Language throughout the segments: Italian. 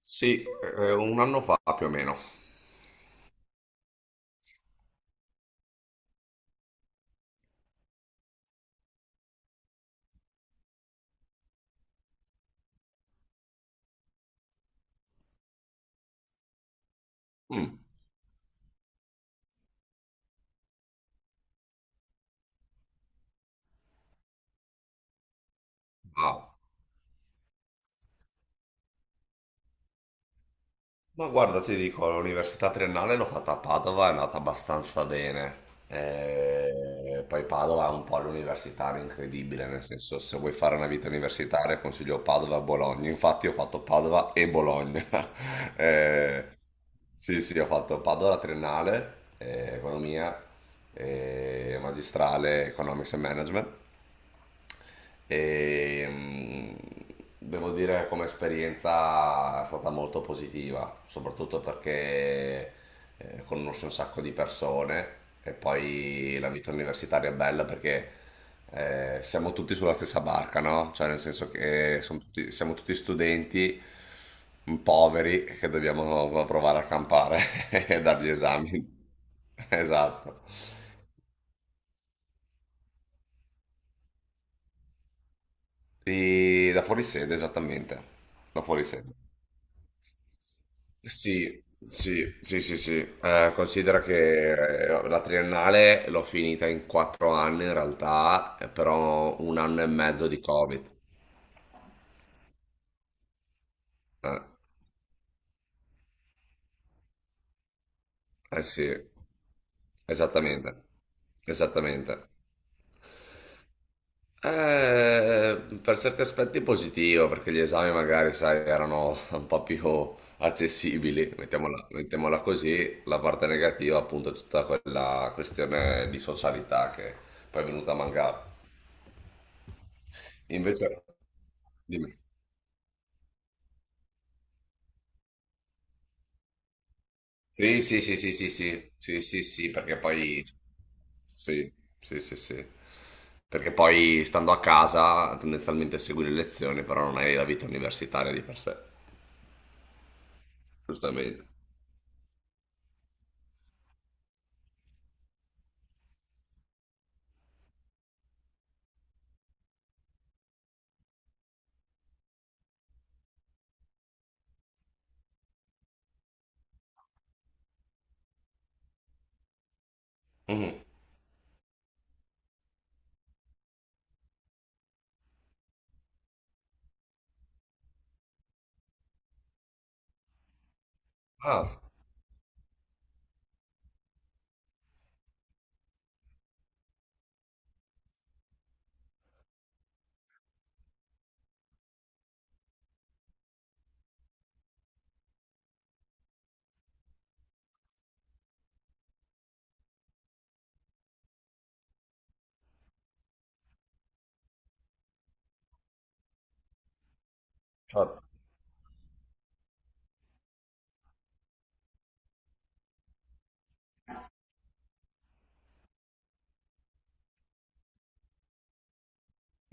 Sì, un anno fa più o meno. Mm, ma ma guarda, ti dico, l'università triennale l'ho fatta a Padova, è andata abbastanza bene. Poi Padova è un po' l'universitario incredibile, nel senso se vuoi fare una vita universitaria consiglio Padova e Bologna. Infatti ho fatto Padova e Bologna. Eh, sì, sì, ho fatto Padova la triennale, economia, magistrale, economics and management. E devo dire che come esperienza è stata molto positiva, soprattutto perché conosci un sacco di persone e poi la vita universitaria è bella perché siamo tutti sulla stessa barca, no? Cioè nel senso che siamo tutti studenti poveri che dobbiamo provare a campare e dargli esami. Esatto. E da fuori sede, esattamente. Da fuori sede. Sì, sì, sì, sì, sì. Considera che la triennale l'ho finita in 4 anni in realtà, però un anno e mezzo di Covid. Eh, eh sì, esattamente, esattamente. Per certi aspetti positivo, perché gli esami magari, sai, erano un po' più accessibili, mettiamola, mettiamola così. La parte negativa, appunto, è tutta quella questione di socialità che poi è venuta a mancare. Invece. Dimmi. Sì, sì, sì, sì, sì, sì, sì, sì, sì, perché poi sì, sì, sì, sì. Perché poi stando a casa tendenzialmente segui le lezioni, però non hai la vita universitaria di per sé. Giustamente. Mhm. Ah, certo.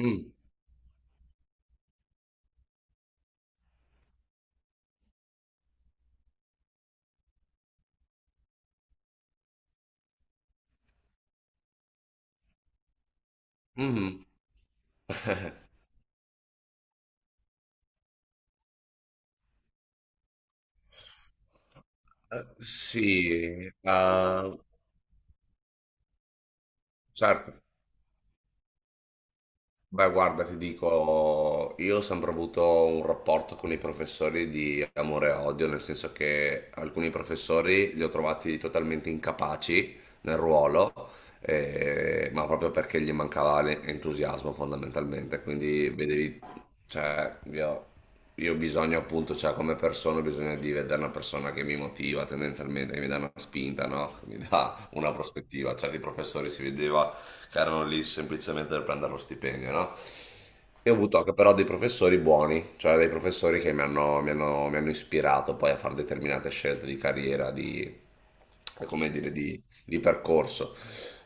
Mm, mhm. Sì, certo. Beh, guarda, ti dico, io ho sempre avuto un rapporto con i professori di amore e odio, nel senso che alcuni professori li ho trovati totalmente incapaci nel ruolo, ma proprio perché gli mancava entusiasmo fondamentalmente, quindi vedevi, cioè, io ho bisogno appunto, cioè come persona ho bisogno di vedere una persona che mi motiva tendenzialmente, che mi dà una spinta, no? Che mi dà una prospettiva, certi professori si vedeva che erano lì semplicemente per prendere lo stipendio, no? E ho avuto anche però dei professori buoni, cioè dei professori che mi hanno ispirato poi a fare determinate scelte di carriera, di, come dire, di percorso.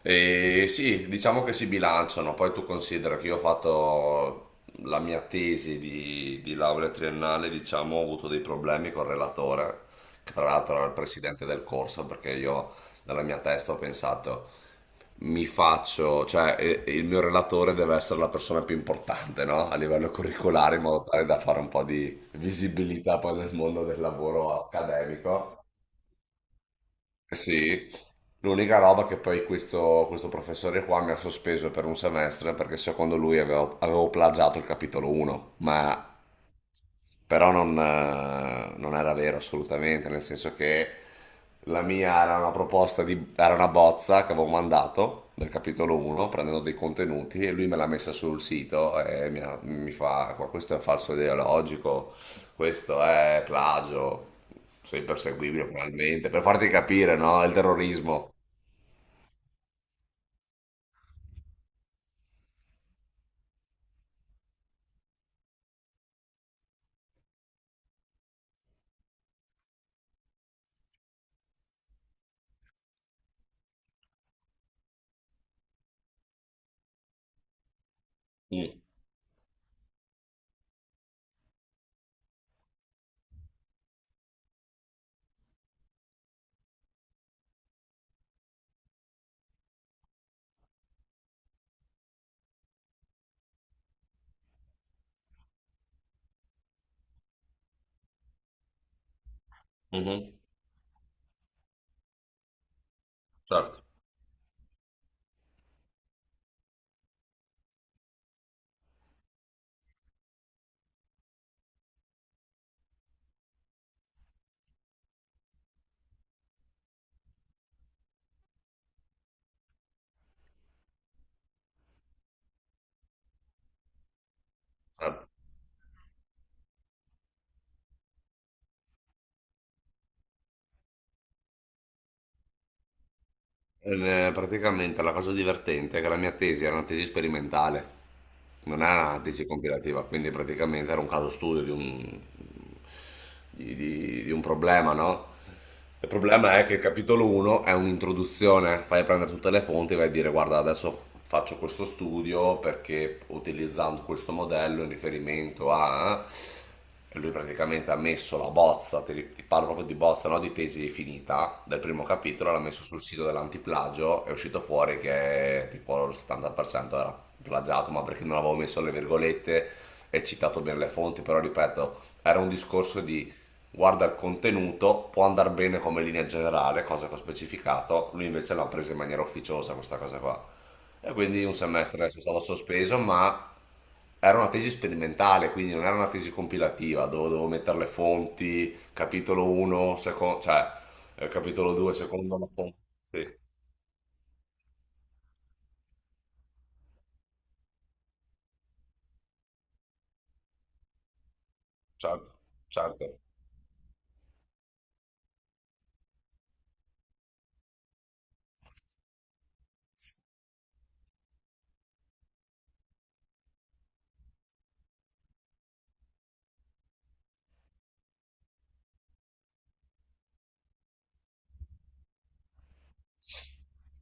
E sì, diciamo che si bilanciano, poi tu considera che io ho fatto la mia tesi di laurea triennale, diciamo, ho avuto dei problemi col relatore, che tra l'altro era il presidente del corso, perché io nella mia testa ho pensato cioè il mio relatore deve essere la persona più importante, no? A livello curricolare, in modo tale da fare un po' di visibilità poi nel mondo del lavoro accademico. Sì, l'unica roba che poi questo professore qua mi ha sospeso per un semestre perché secondo lui avevo plagiato il capitolo 1, ma però non era vero assolutamente, nel senso che la mia era una proposta era una bozza che avevo mandato del capitolo 1 prendendo dei contenuti e lui me l'ha messa sul sito e mi fa: "Qua questo è un falso ideologico, questo è plagio, sei perseguibile penalmente, per farti capire, no? Il terrorismo." Mm. Mhm. Certo, certo. Praticamente la cosa divertente è che la mia tesi era una tesi sperimentale. Non era un'analisi compilativa, quindi praticamente era un caso studio di un, di un problema, no? Il problema è che il capitolo 1 è un'introduzione, fai prendere tutte le fonti e vai a dire: guarda, adesso faccio questo studio perché utilizzando questo modello in riferimento a... E lui praticamente ha messo la bozza, ti parlo proprio di bozza, no di tesi finita, del primo capitolo, l'ha messo sul sito dell'antiplagio, è uscito fuori che tipo il 70% era plagiato, ma perché non avevo messo le virgolette e citato bene le fonti, però ripeto, era un discorso di: guarda il contenuto, può andare bene come linea generale, cosa che ho specificato, lui invece l'ha presa in maniera ufficiosa questa cosa qua. E quindi un semestre sono stato sospeso, ma era una tesi sperimentale, quindi non era una tesi compilativa dove dovevo mettere le fonti, capitolo 1, secondo, cioè capitolo 2, secondo la fonte. Sì, certo, certo,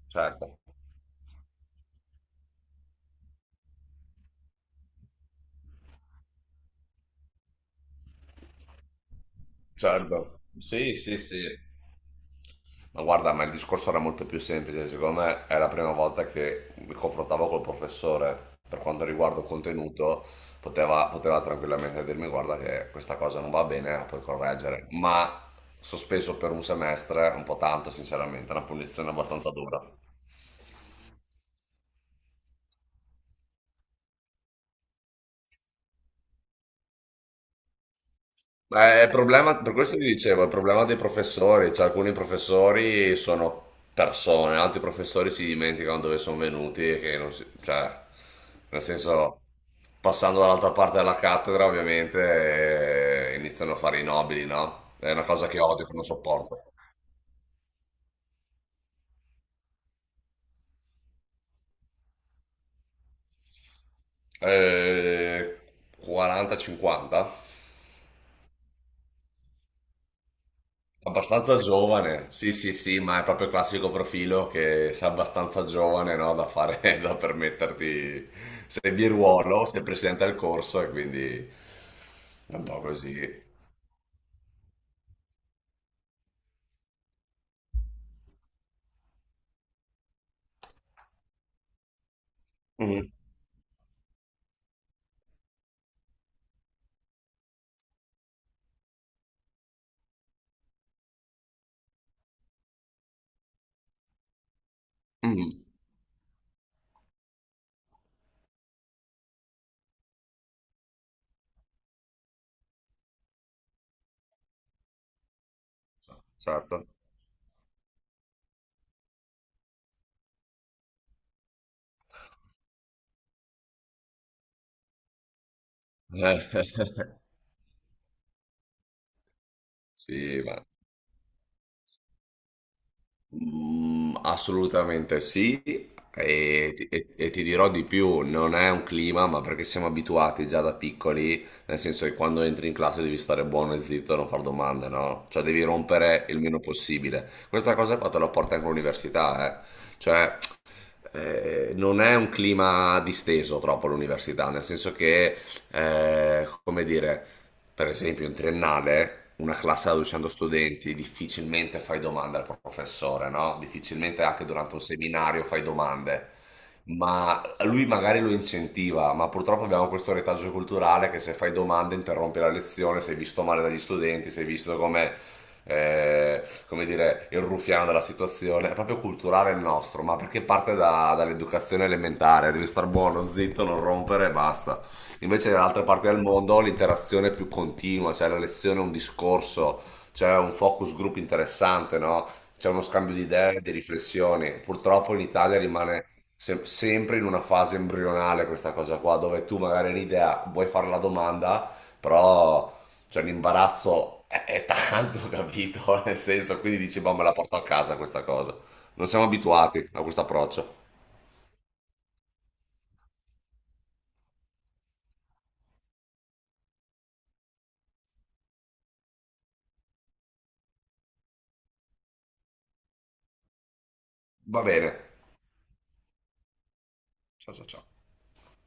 certo. Certo, sì, sì, sì. Ma guarda, ma il discorso era molto più semplice, secondo me è la prima volta che mi confrontavo col professore per quanto riguarda il contenuto, poteva, poteva tranquillamente dirmi guarda che questa cosa non va bene, la puoi correggere, ma sospeso per un semestre, un po' tanto sinceramente, è una punizione abbastanza dura. Ma è problema, per questo vi dicevo, è il problema dei professori, cioè alcuni professori sono persone, altri professori si dimenticano dove sono venuti e che non si, cioè, nel senso, passando dall'altra parte della cattedra, ovviamente, iniziano a fare i nobili, no? È una cosa che odio, che non sopporto. Eh, 40-50? Abbastanza giovane, sì, sì, sì, ma è proprio il classico profilo che sei abbastanza giovane, no, da fare, da permetterti, sei di ruolo, sei presidente del corso e quindi è un po' così. Mm, mm, certo. Sì, Mm, assolutamente sì, e ti dirò di più, non è un clima, ma perché siamo abituati già da piccoli, nel senso che quando entri in classe devi stare buono e zitto e non far domande, no? Cioè devi rompere il meno possibile. Questa cosa qua te la porta anche all'università, eh? Cioè, non è un clima disteso troppo all'università, nel senso che, come dire, per esempio in triennale, una classe da 200 studenti, difficilmente fai domande al professore, no? Difficilmente anche durante un seminario fai domande. Ma lui magari lo incentiva, ma purtroppo abbiamo questo retaggio culturale che se fai domande interrompi la lezione, sei visto male dagli studenti, sei visto come come dire, il ruffiano della situazione, è proprio culturale il nostro, ma perché parte dall'educazione elementare, devi star buono, zitto, non rompere e basta. Invece nell'altra parte del mondo l'interazione è più continua, c'è la lezione, un discorso, c'è un focus group interessante, no? C'è uno scambio di idee, di riflessioni. Purtroppo in Italia rimane sempre in una fase embrionale questa cosa qua, dove tu magari hai un'idea, vuoi fare la domanda, però cioè l'imbarazzo è tanto, capito? Nel senso, quindi dici, boh, me la porto a casa questa cosa. Non siamo abituati a questo approccio. Va bene. Ciao ciao ciao.